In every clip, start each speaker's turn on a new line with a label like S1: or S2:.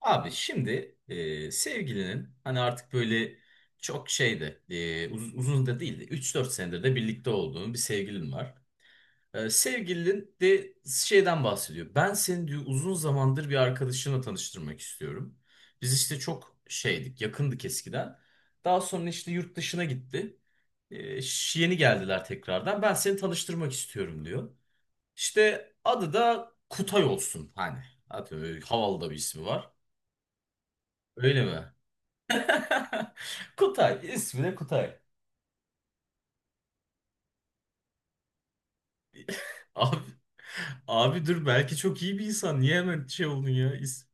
S1: Abi şimdi sevgilinin hani artık böyle çok şeydi uzun da değildi, üç dört senedir de birlikte olduğun bir sevgilin var. Sevgilin de şeyden bahsediyor. Ben seni diyor uzun zamandır bir arkadaşına tanıştırmak istiyorum. Biz işte çok şeydik, yakındık eskiden. Daha sonra işte yurt dışına gitti. Yeni geldiler tekrardan. Ben seni tanıştırmak istiyorum diyor. İşte adı da Kutay olsun hani. Atıyorum, öyle havalı da bir ismi var. Öyle mi? Kutay. İsmi de Kutay. Abi, abi dur belki çok iyi bir insan. Niye hemen şey oldun ya?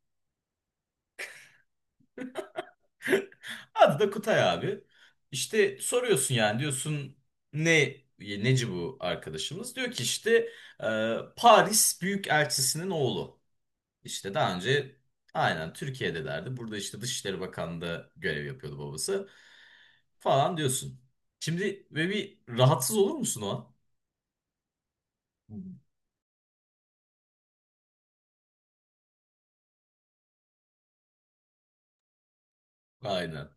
S1: Adı da Kutay abi. İşte soruyorsun yani, diyorsun ne neci bu arkadaşımız? Diyor ki işte Paris Büyükelçisi'nin oğlu. İşte daha önce aynen Türkiye'delerdi. Burada işte Dışişleri Bakanlığı'nda görev yapıyordu babası. Falan diyorsun. Şimdi ve bir rahatsız olur musun o an? Aynen.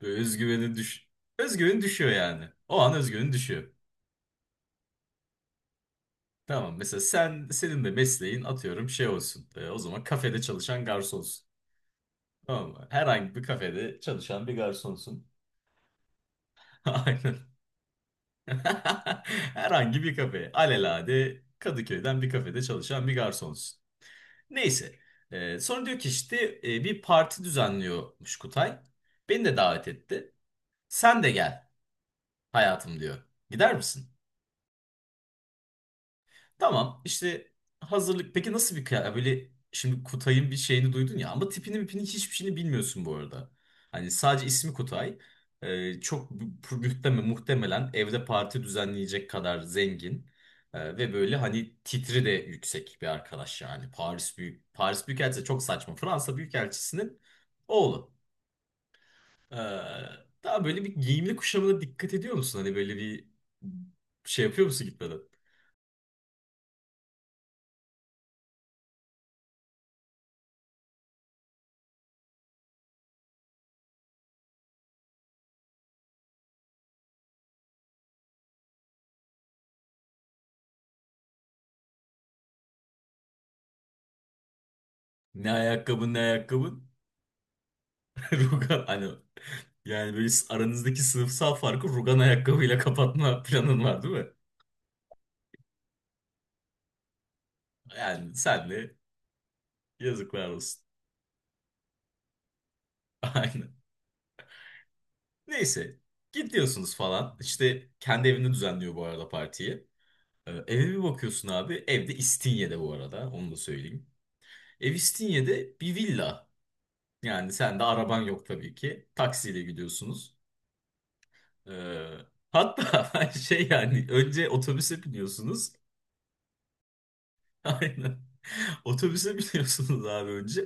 S1: Böyle özgüveni düşüyor yani. O an özgüveni düşüyor. Tamam, mesela senin de mesleğin atıyorum şey olsun. O zaman kafede çalışan garsonsun. Tamam mı? Herhangi bir kafede çalışan bir garsonsun. Aynen. Herhangi bir kafe. Alelade Kadıköy'den bir kafede çalışan bir garsonsun. Neyse. Sonra diyor ki işte bir parti düzenliyormuş Kutay. Beni de davet etti. Sen de gel hayatım diyor. Gider misin? Tamam işte, hazırlık peki nasıl bir kıyafet, böyle şimdi Kutay'ın bir şeyini duydun ya ama tipini mipini hiçbir şeyini bilmiyorsun bu arada. Hani sadece ismi Kutay. Çok muhtemelen, evde parti düzenleyecek kadar zengin. Ve böyle hani titri de yüksek bir arkadaş, yani Paris Büyükelçisi de çok saçma, Fransa Büyükelçisi'nin oğlu. Ee, Daha böyle bir giyimli kuşamına dikkat ediyor musun? Hani böyle bir şey yapıyor musun gitmeden? Ne ayakkabın ne ayakkabın? Rugan hani, yani böyle aranızdaki sınıfsal farkı rugan ayakkabıyla kapatma planın var değil mi? Yani senle yazıklar olsun. Aynen. Neyse, gidiyorsunuz falan. İşte kendi evinde düzenliyor bu arada partiyi. Eve bir bakıyorsun abi. Evde, İstinye'de bu arada, onu da söyleyeyim. Ev İstinye'de bir villa. Yani sen de araban yok tabii ki. Taksiyle gidiyorsunuz. Ee, hatta şey yani önce otobüse biniyorsunuz. Aynen. Otobüse biniyorsunuz abi önce.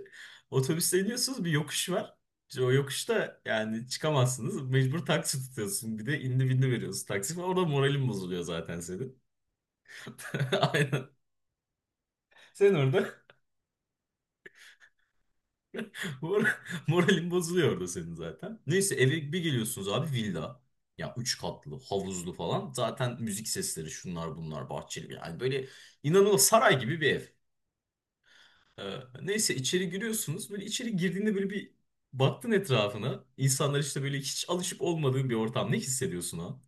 S1: Otobüse iniyorsunuz, bir yokuş var. İşte o yokuşta yani çıkamazsınız. Mecbur taksi tutuyorsun. Bir de indi bindi veriyorsun taksi falan. Orada moralin bozuluyor zaten senin. Aynen. Sen orada mor- moralin bozuluyor orada senin zaten. Neyse eve bir geliyorsunuz abi, villa. Ya üç katlı, havuzlu falan. Zaten müzik sesleri, şunlar bunlar, bahçeli. Yani böyle inanılmaz saray gibi bir ev. Neyse içeri giriyorsunuz. Böyle içeri girdiğinde böyle bir baktın etrafına. İnsanlar işte böyle, hiç alışıp olmadığın bir ortam. Ne hissediyorsun ha?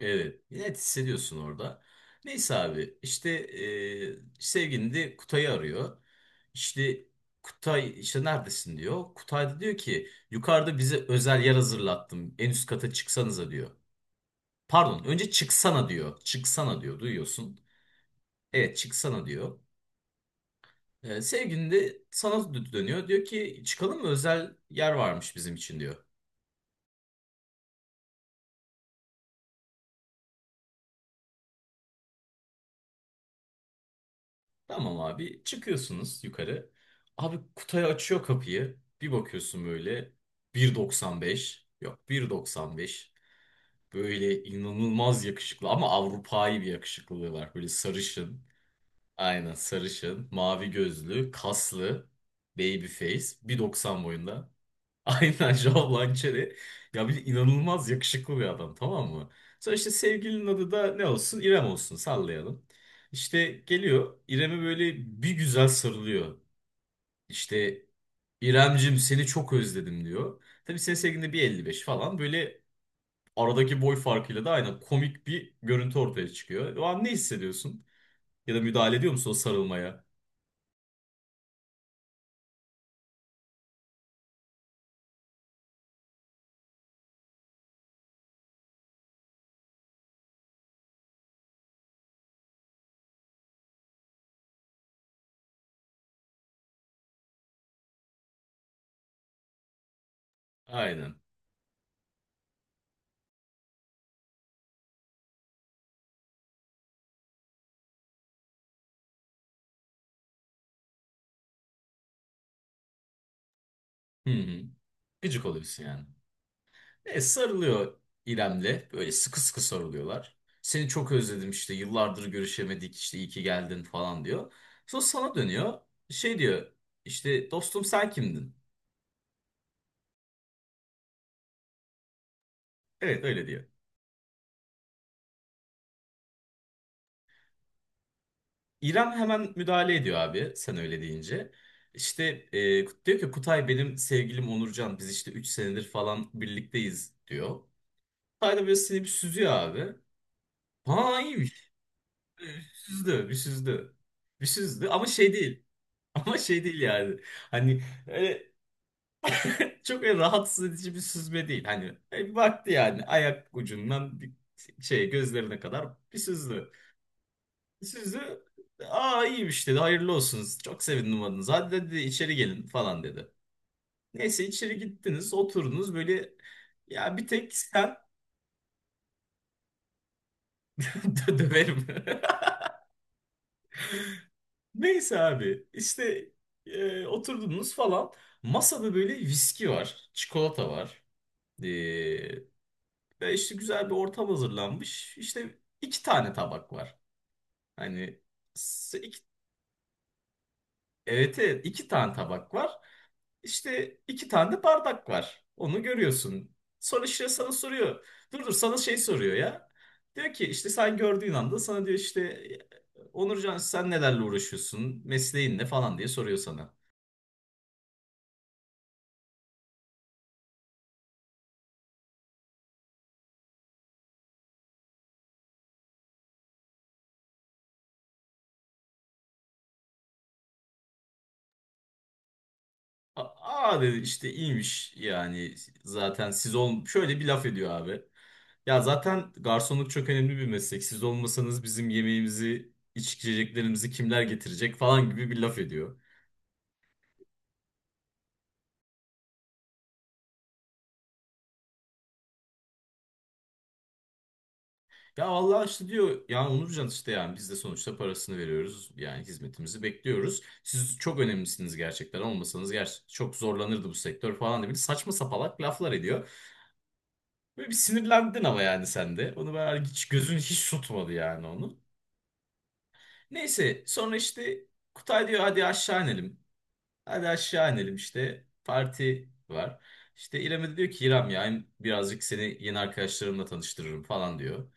S1: Evet. Net hissediyorsun orada. Neyse abi işte sevgilin de Kutay'ı arıyor. İşte Kutay işte neredesin diyor. Kutay da diyor ki yukarıda bize özel yer hazırlattım. En üst kata çıksanıza diyor. Pardon, önce çıksana diyor. Çıksana diyor, duyuyorsun. Evet, çıksana diyor. Sevgilin de sana dönüyor. Diyor ki çıkalım mı, özel yer varmış bizim için diyor. Tamam abi, çıkıyorsunuz yukarı. Abi Kutay açıyor kapıyı. Bir bakıyorsun böyle 1.95, yok 1.95, böyle inanılmaz yakışıklı, ama Avrupa'yı bir yakışıklılığı var. Böyle sarışın, aynen sarışın, mavi gözlü, kaslı, baby face, 1.90 boyunda. Aynen Joao Lançeri. Ya bir de inanılmaz yakışıklı bir adam, tamam mı? Sonra işte sevgilinin adı da ne olsun? İrem olsun, sallayalım. İşte geliyor İrem'e, böyle bir güzel sarılıyor. İşte İremcim seni çok özledim diyor. Tabii senin sevgilin de 1.55 falan, böyle aradaki boy farkıyla da aynen komik bir görüntü ortaya çıkıyor. O an ne hissediyorsun? Ya da müdahale ediyor musun o sarılmaya? Aynen. Hı hı. Gıcık oluyorsun yani. Sarılıyor İrem'le. Böyle sıkı sıkı sarılıyorlar. Seni çok özledim, işte yıllardır görüşemedik, işte iyi ki geldin falan diyor. Sonra sana dönüyor. Şey diyor, işte dostum sen kimdin? Evet öyle diyor. İrem hemen müdahale ediyor abi sen öyle deyince. İşte diyor ki Kutay benim sevgilim Onurcan, biz işte 3 senedir falan birlikteyiz diyor. Kutay da böyle seni bir süzüyor abi. Ha, iyiymiş. Bir süzdü, bir süzdü. Bir süzdü ama şey değil. Ama şey değil yani. Hani öyle çok öyle rahatsız edici bir süzme değil. Hani baktı yani, ayak ucundan bir şey gözlerine kadar bir süzdü. Bir süzdü. Aa iyiymiş dedi. Hayırlı olsun. Çok sevindim adınız. Hadi dedi içeri gelin falan dedi. Neyse içeri gittiniz, oturdunuz böyle, ya bir tek sen döverim. Neyse abi işte oturdunuz falan. Masada böyle viski var, çikolata var. Ve işte güzel bir ortam hazırlanmış. İşte iki tane tabak var. Hani iki, evet, evet, iki tane tabak var. İşte iki tane de bardak var. Onu görüyorsun. Sonra işte sana soruyor. Dur dur, sana şey soruyor ya. Diyor ki işte sen gördüğün anda sana diyor işte Onurcan sen nelerle uğraşıyorsun? Mesleğin ne falan diye soruyor sana. Aa dedi, işte iyiymiş yani, zaten siz ol, şöyle bir laf ediyor abi. Ya zaten garsonluk çok önemli bir meslek. Siz olmasanız bizim yemeğimizi, içeceklerimizi kimler getirecek falan gibi bir laf ediyor. Ya vallahi işte diyor ya Onurcan, işte yani biz de sonuçta parasını veriyoruz. Yani hizmetimizi bekliyoruz. Siz çok önemlisiniz gerçekten. Olmasanız gerçekten çok zorlanırdı bu sektör falan diye bir saçma sapalak laflar ediyor. Böyle bir sinirlendin ama yani sen de. Onu ben hiç, gözün hiç tutmadı yani onu. Neyse sonra işte Kutay diyor hadi aşağı inelim. Hadi aşağı inelim işte parti var. İşte İrem'e de diyor ki İrem ya hem birazcık seni yeni arkadaşlarımla tanıştırırım falan diyor.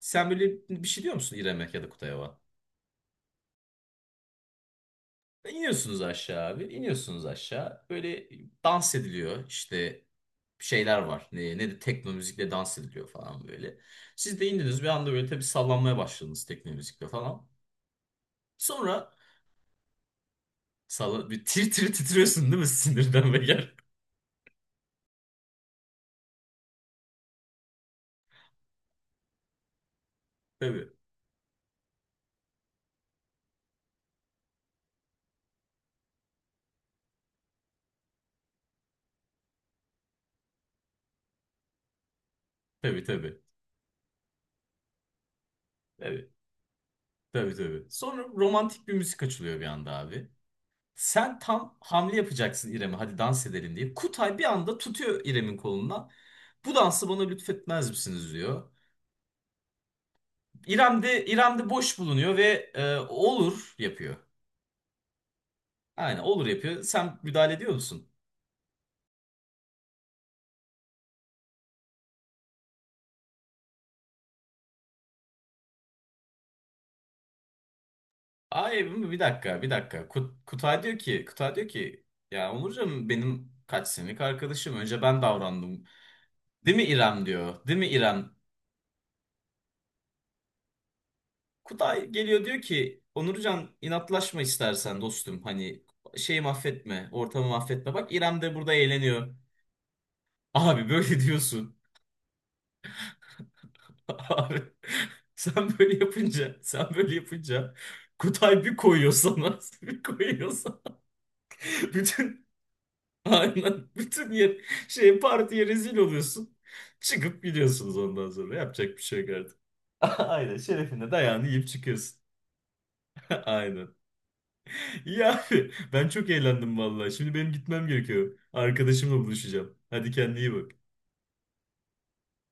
S1: Sen böyle bir şey diyor musun İrem'e ya da Kutay'a? İniyorsunuz aşağı abi, iniyorsunuz aşağı. Böyle dans ediliyor işte, şeyler var. Ne, ne de tekno müzikle dans ediliyor falan böyle. Siz de indiniz bir anda, böyle tabii sallanmaya başladınız tekno müzikle falan. Sonra salla, bir tir tir titriyorsun değil mi sinirden be. Tabii, tabii, tabii, tabii, tabii, tabii. Sonra romantik bir müzik açılıyor bir anda abi. Sen tam hamle yapacaksın İrem'e, hadi dans edelim diye. Kutay bir anda tutuyor İrem'in kolundan. Bu dansı bana lütfetmez misiniz diyor. İrem de boş bulunuyor ve olur yapıyor. Aynen, olur yapıyor. Sen müdahale ediyor musun? Ay bir dakika bir dakika. Kutay diyor ki ya Onurcan benim kaç senelik arkadaşım. Önce ben davrandım. Değil mi İrem diyor. Değil mi İrem? Kutay geliyor diyor ki Onurcan inatlaşma istersen dostum, hani şeyi mahvetme, ortamı mahvetme, bak İrem de burada eğleniyor. Abi böyle diyorsun. Abi sen böyle yapınca, sen böyle yapınca Kutay bir koyuyor sana bir koyuyor sana. Bütün, aynen bütün yer, şey partiye rezil oluyorsun. Çıkıp gidiyorsunuz, ondan sonra yapacak bir şey yok artık. Aynen, şerefine dayağını yiyip çıkıyorsun. Aynen. İyi abi. Ben çok eğlendim vallahi. Şimdi benim gitmem gerekiyor. Arkadaşımla buluşacağım. Hadi kendine iyi bak.